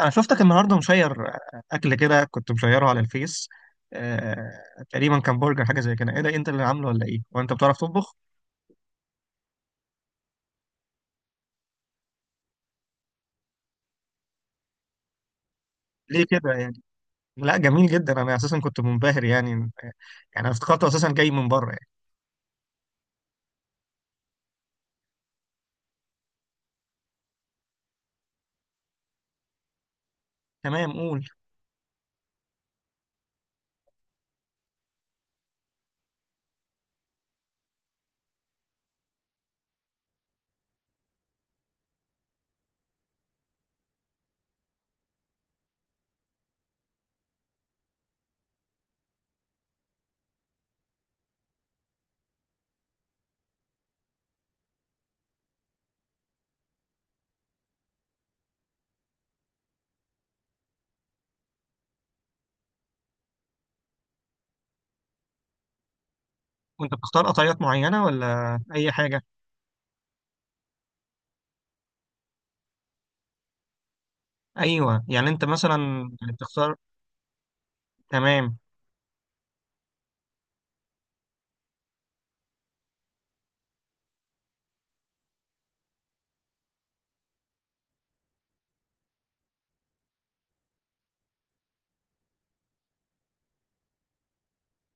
انا شفتك النهارده مشير اكل كده، كنت مشيره على الفيس. آه، تقريبا كان برجر، حاجه زي كده. ايه ده؟ إيه انت اللي عامله ولا ايه؟ وانت بتعرف تطبخ؟ ليه كده يعني؟ لا، جميل جدا. انا اساسا كنت منبهر يعني. انا افتكرته اساسا جاي من بره يعني. تمام، قول. وانت بتختار قطعيات معينه ولا اي حاجه؟ ايوه، يعني انت مثلا بتختار. تمام.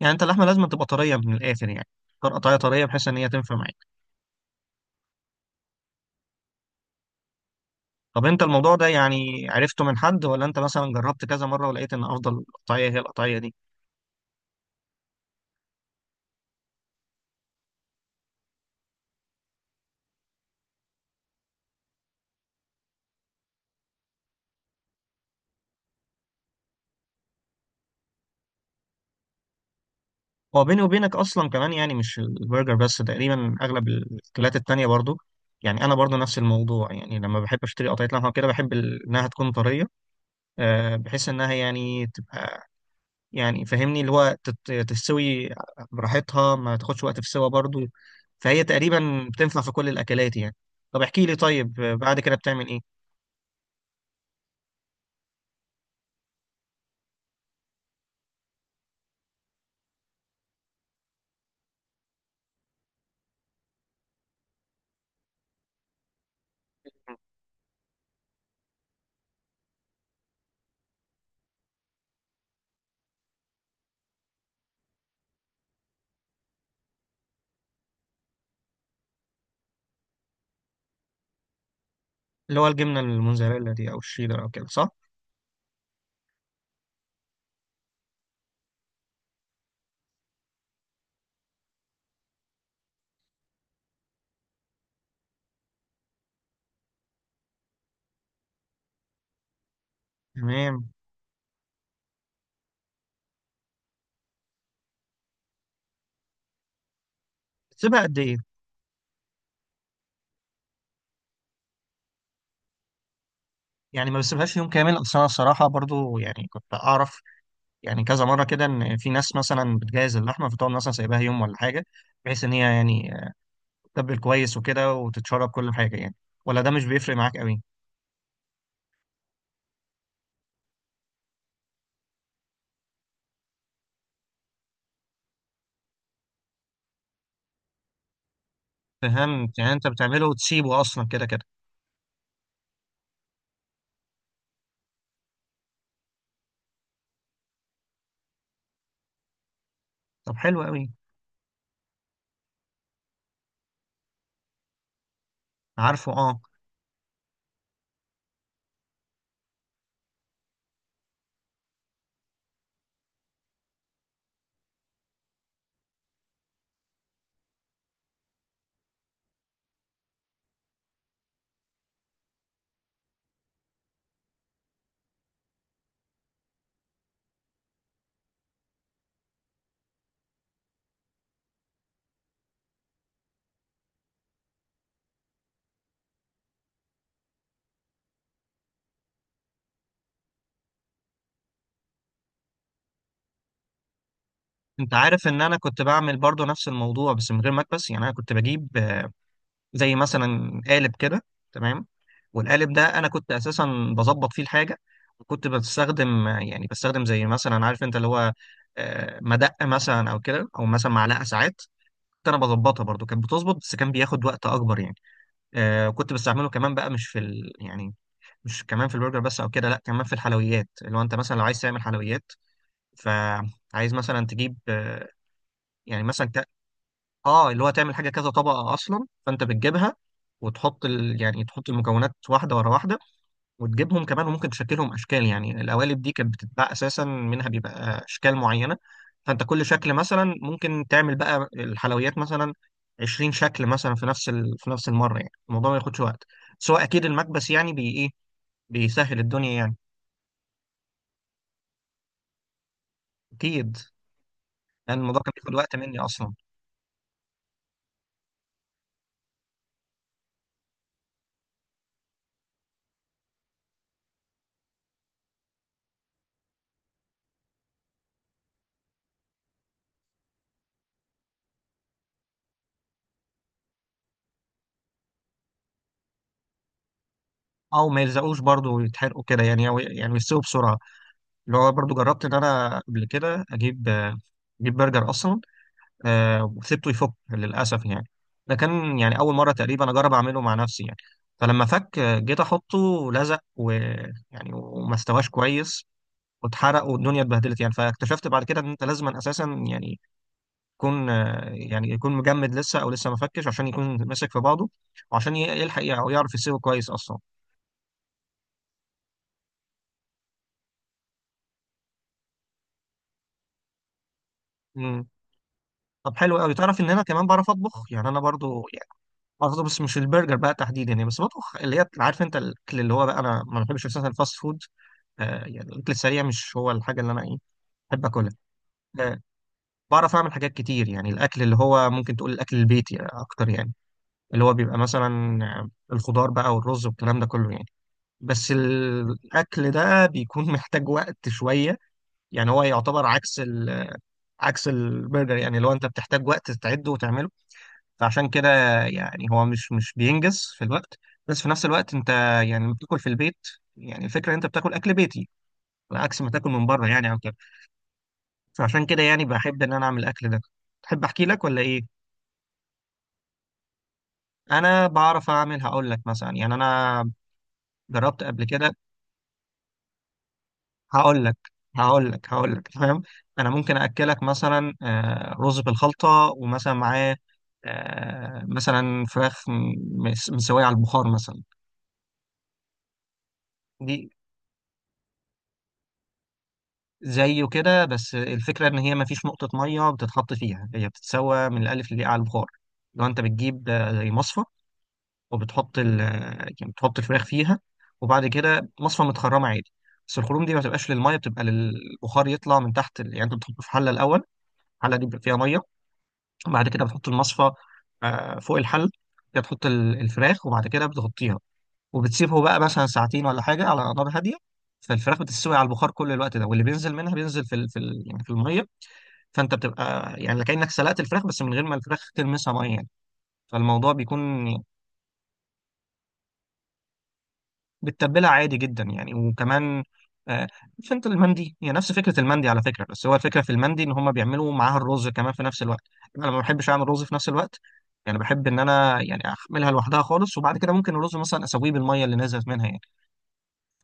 يعني انت اللحمه لازم تبقى طريه من الاخر يعني، تختار قطعيه طريه بحيث ان هي تنفع معاك. طب انت الموضوع ده يعني عرفته من حد، ولا انت مثلا جربت كذا مره ولقيت ان افضل قطعيه هي القطعيه دي؟ هو بيني وبينك اصلا كمان، يعني مش البرجر بس، تقريبا اغلب الاكلات التانية برضو. يعني انا برضو نفس الموضوع، يعني لما بحب اشتري قطعيه لحمه كده بحب انها تكون طريه. بحيث انها يعني تبقى، يعني فاهمني اللي هو تستوي براحتها، ما تاخدش وقت في السوا برضو. فهي تقريبا بتنفع في كل الاكلات يعني. طب احكي لي طيب، بعد كده بتعمل ايه؟ اللي هو الجبنه الموزاريلا دي، او الشيدر او كده، صح؟ تمام. بتسيبها قد ايه؟ يعني ما بسيبهاش يوم كامل، اصل انا الصراحه برضو يعني كنت اعرف، يعني كذا مره كده، ان في ناس مثلا بتجهز اللحمه فتقعد مثلا سايباها يوم ولا حاجه، بحيث ان هي يعني تتبل كويس وكده وتتشرب كل حاجه يعني. ولا ده مش بيفرق معاك قوي؟ فهمت، يعني انت بتعمله وتسيبه اصلا كده كده. طب حلو قوي. عارفه، اه. انت عارف ان انا كنت بعمل برضو نفس الموضوع بس من غير مكبس؟ يعني انا كنت بجيب زي مثلا قالب كده. تمام. والقالب ده انا كنت اساسا بظبط فيه الحاجه. وكنت بستخدم زي مثلا عارف انت اللي هو، مدق مثلا او كده، او مثلا معلقه ساعات. كنت انا بظبطها برضو، كانت بتظبط بس كان بياخد وقت اكبر يعني. كنت بستعمله كمان بقى مش في يعني مش كمان في البرجر بس او كده، لا كمان في الحلويات، اللي هو انت مثلا لو عايز تعمل حلويات فعايز مثلا تجيب. يعني مثلا، اه اللي هو تعمل حاجه كذا طبقه اصلا، فانت بتجيبها وتحط يعني تحط المكونات واحده ورا واحده، وتجيبهم كمان وممكن تشكلهم اشكال. يعني القوالب دي كانت بتتباع اساسا منها بيبقى اشكال معينه، فانت كل شكل مثلا ممكن تعمل بقى الحلويات مثلا 20 شكل مثلا في نفس المره، يعني الموضوع ما ياخدش وقت، سواء اكيد المكبس يعني بي ايه بيسهل الدنيا يعني. اكيد. لان الموضوع كان بياخد وقت مني اصلا. او ما يلزقوش برضه ويتحرقوا كده يعني، أو يعني يستووا بسرعه. اللي هو برضو جربت ان انا قبل كده اجيب، اجيب برجر اصلا. وسبته يفك للاسف يعني. ده كان يعني اول مره تقريبا اجرب اعمله مع نفسي يعني. فلما فك، جيت احطه لزق، ويعني وما استواش كويس، واتحرق والدنيا اتبهدلت يعني. فاكتشفت بعد كده ان انت لازم اساسا يعني يكون، يكون مجمد لسه، او لسه ما فكش عشان يكون ماسك في بعضه. وعشان يلحق او يعرف يسيبه كويس اصلا. مم. طب حلو قوي. تعرف ان انا كمان بعرف اطبخ؟ يعني انا برضو، قصدي بس مش البرجر بقى تحديدا، يعني بس بطبخ اللي هي عارف انت الاكل اللي هو بقى، انا ما بحبش اساسا الفاست فود. يعني الاكل السريع مش هو الحاجه اللي انا ايه بحب اكلها. آه، بعرف اعمل حاجات كتير يعني، الاكل اللي هو ممكن تقول الاكل البيتي اكتر يعني، اللي هو بيبقى مثلا. الخضار بقى والرز والكلام ده كله يعني. بس الاكل ده بيكون محتاج وقت شويه. يعني هو يعتبر عكس عكس البرجر يعني، لو انت بتحتاج وقت تعده وتعمله، فعشان كده يعني هو مش بينجز في الوقت. بس في نفس الوقت انت، يعني لما بتاكل في البيت، يعني الفكره ان انت بتاكل اكل بيتي، عكس ما تاكل من بره يعني، عن كده. فعشان كده يعني بحب ان انا اعمل الاكل ده. تحب احكي لك ولا ايه؟ انا بعرف اعمل. هقول لك مثلا، يعني انا جربت قبل كده. هقول لك هقول لك. تمام. انا ممكن اكلك مثلا، رز بالخلطه ومثلا معاه، مثلا فراخ مسويه على البخار مثلا. دي زيه كده، بس الفكرة إن هي مفيش نقطة مية بتتحط فيها، هي بتتسوى من الألف للياء على البخار. لو أنت بتجيب زي مصفى، وبتحط ال آه، يعني بتحط الفراخ فيها، وبعد كده مصفى متخرمة عادي. بس الخروم دي ما بتبقاش للمية، بتبقى للبخار يطلع من تحت يعني أنت بتحطه في حلة الأول، الحلة دي بيبقى فيها مية، وبعد كده بتحط المصفى فوق الحل، كده تحط الفراخ وبعد كده بتغطيها، وبتسيبه بقى مثلا ساعتين ولا حاجة على نار هادية. فالفراخ بتستوي على البخار كل الوقت ده، واللي بينزل منها بينزل في المية. فانت بتبقى يعني كأنك سلقت الفراخ بس من غير ما الفراخ تلمسها ميه يعني. فالموضوع بيكون. بتتبلها عادي جدا يعني، وكمان آه، عارف انت المندي؟ هي نفس فكره المندي على فكره، بس هو الفكره في المندي ان هم بيعملوا معاها الرز كمان في نفس الوقت. انا ما بحبش اعمل رز في نفس الوقت، يعني بحب ان انا يعني احملها لوحدها خالص، وبعد كده ممكن الرز مثلا اسويه بالميه اللي نزلت منها يعني.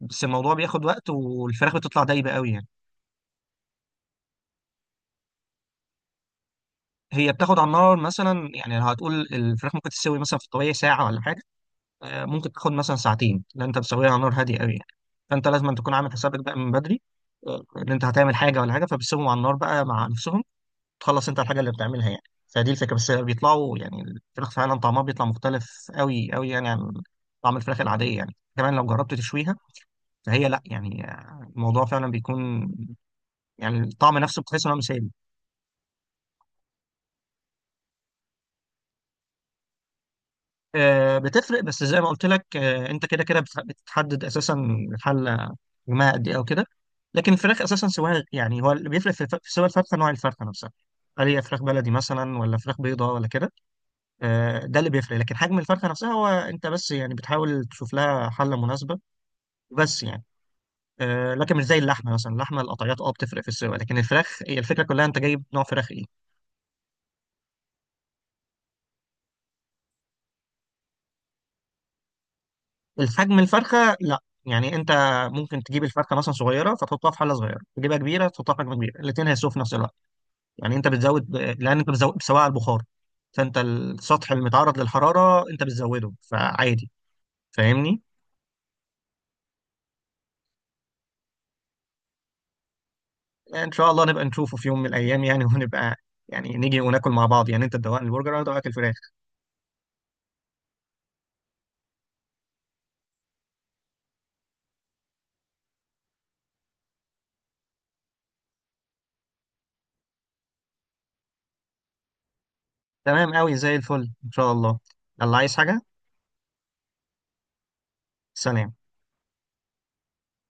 بس الموضوع بياخد وقت، والفراخ بتطلع دايبه قوي يعني. هي بتاخد على النار مثلا، يعني لو هتقول الفراخ ممكن تستوي مثلا في الطبيعي ساعه ولا حاجه، ممكن تاخد مثلا ساعتين، لان انت بتسويها على نار هاديه قوي يعني. فانت لازم أن تكون عامل حسابك بقى من بدري، ان انت هتعمل حاجه ولا حاجه، فبتسيبهم على النار بقى مع نفسهم، تخلص انت الحاجه اللي بتعملها يعني. فدي الفكره. بس بيطلعوا يعني الفراخ فعلا طعمها بيطلع مختلف قوي قوي يعني، عن طعم الفراخ العاديه يعني كمان لو جربت تشويها. فهي لا يعني، الموضوع فعلا بيكون، يعني الطعم نفسه بتحس انه مثالي. بتفرق، بس زي ما قلت لك، انت كده كده بتحدد اساسا الحله، جماعه قد ايه او كده. لكن الفراخ اساسا سواها، يعني هو اللي بيفرق في سوى الفرخه نوع الفرخه نفسها. هل هي فراخ بلدي مثلا ولا فراخ بيضاء ولا كده. ده اللي بيفرق، لكن حجم الفرخه نفسها هو انت بس يعني بتحاول تشوف لها حله مناسبه. بس يعني، لكن مش زي اللحمه مثلا، اللحمه القطعيات بتفرق في السوى، لكن الفراخ هي الفكره كلها انت جايب نوع فراخ ايه. الحجم الفرخه لا يعني انت ممكن تجيب الفرخه مثلا صغيره فتحطها في حله صغيره، تجيبها كبيره تحطها في حجم كبير، الاثنين هيسوا في نفس الوقت. يعني انت بتزود لان انت بتزود بتسويها على البخار. فانت السطح المتعرض للحراره انت بتزوده، فعادي. فاهمني. ان شاء الله نبقى نشوفه في يوم من الايام يعني ونبقى، يعني نيجي وناكل مع بعض، يعني انت تدوقني البرجر وانا ادوقك الفراخ. تمام قوي، زي الفل ان شاء الله. الله، عايز حاجه؟ سلام.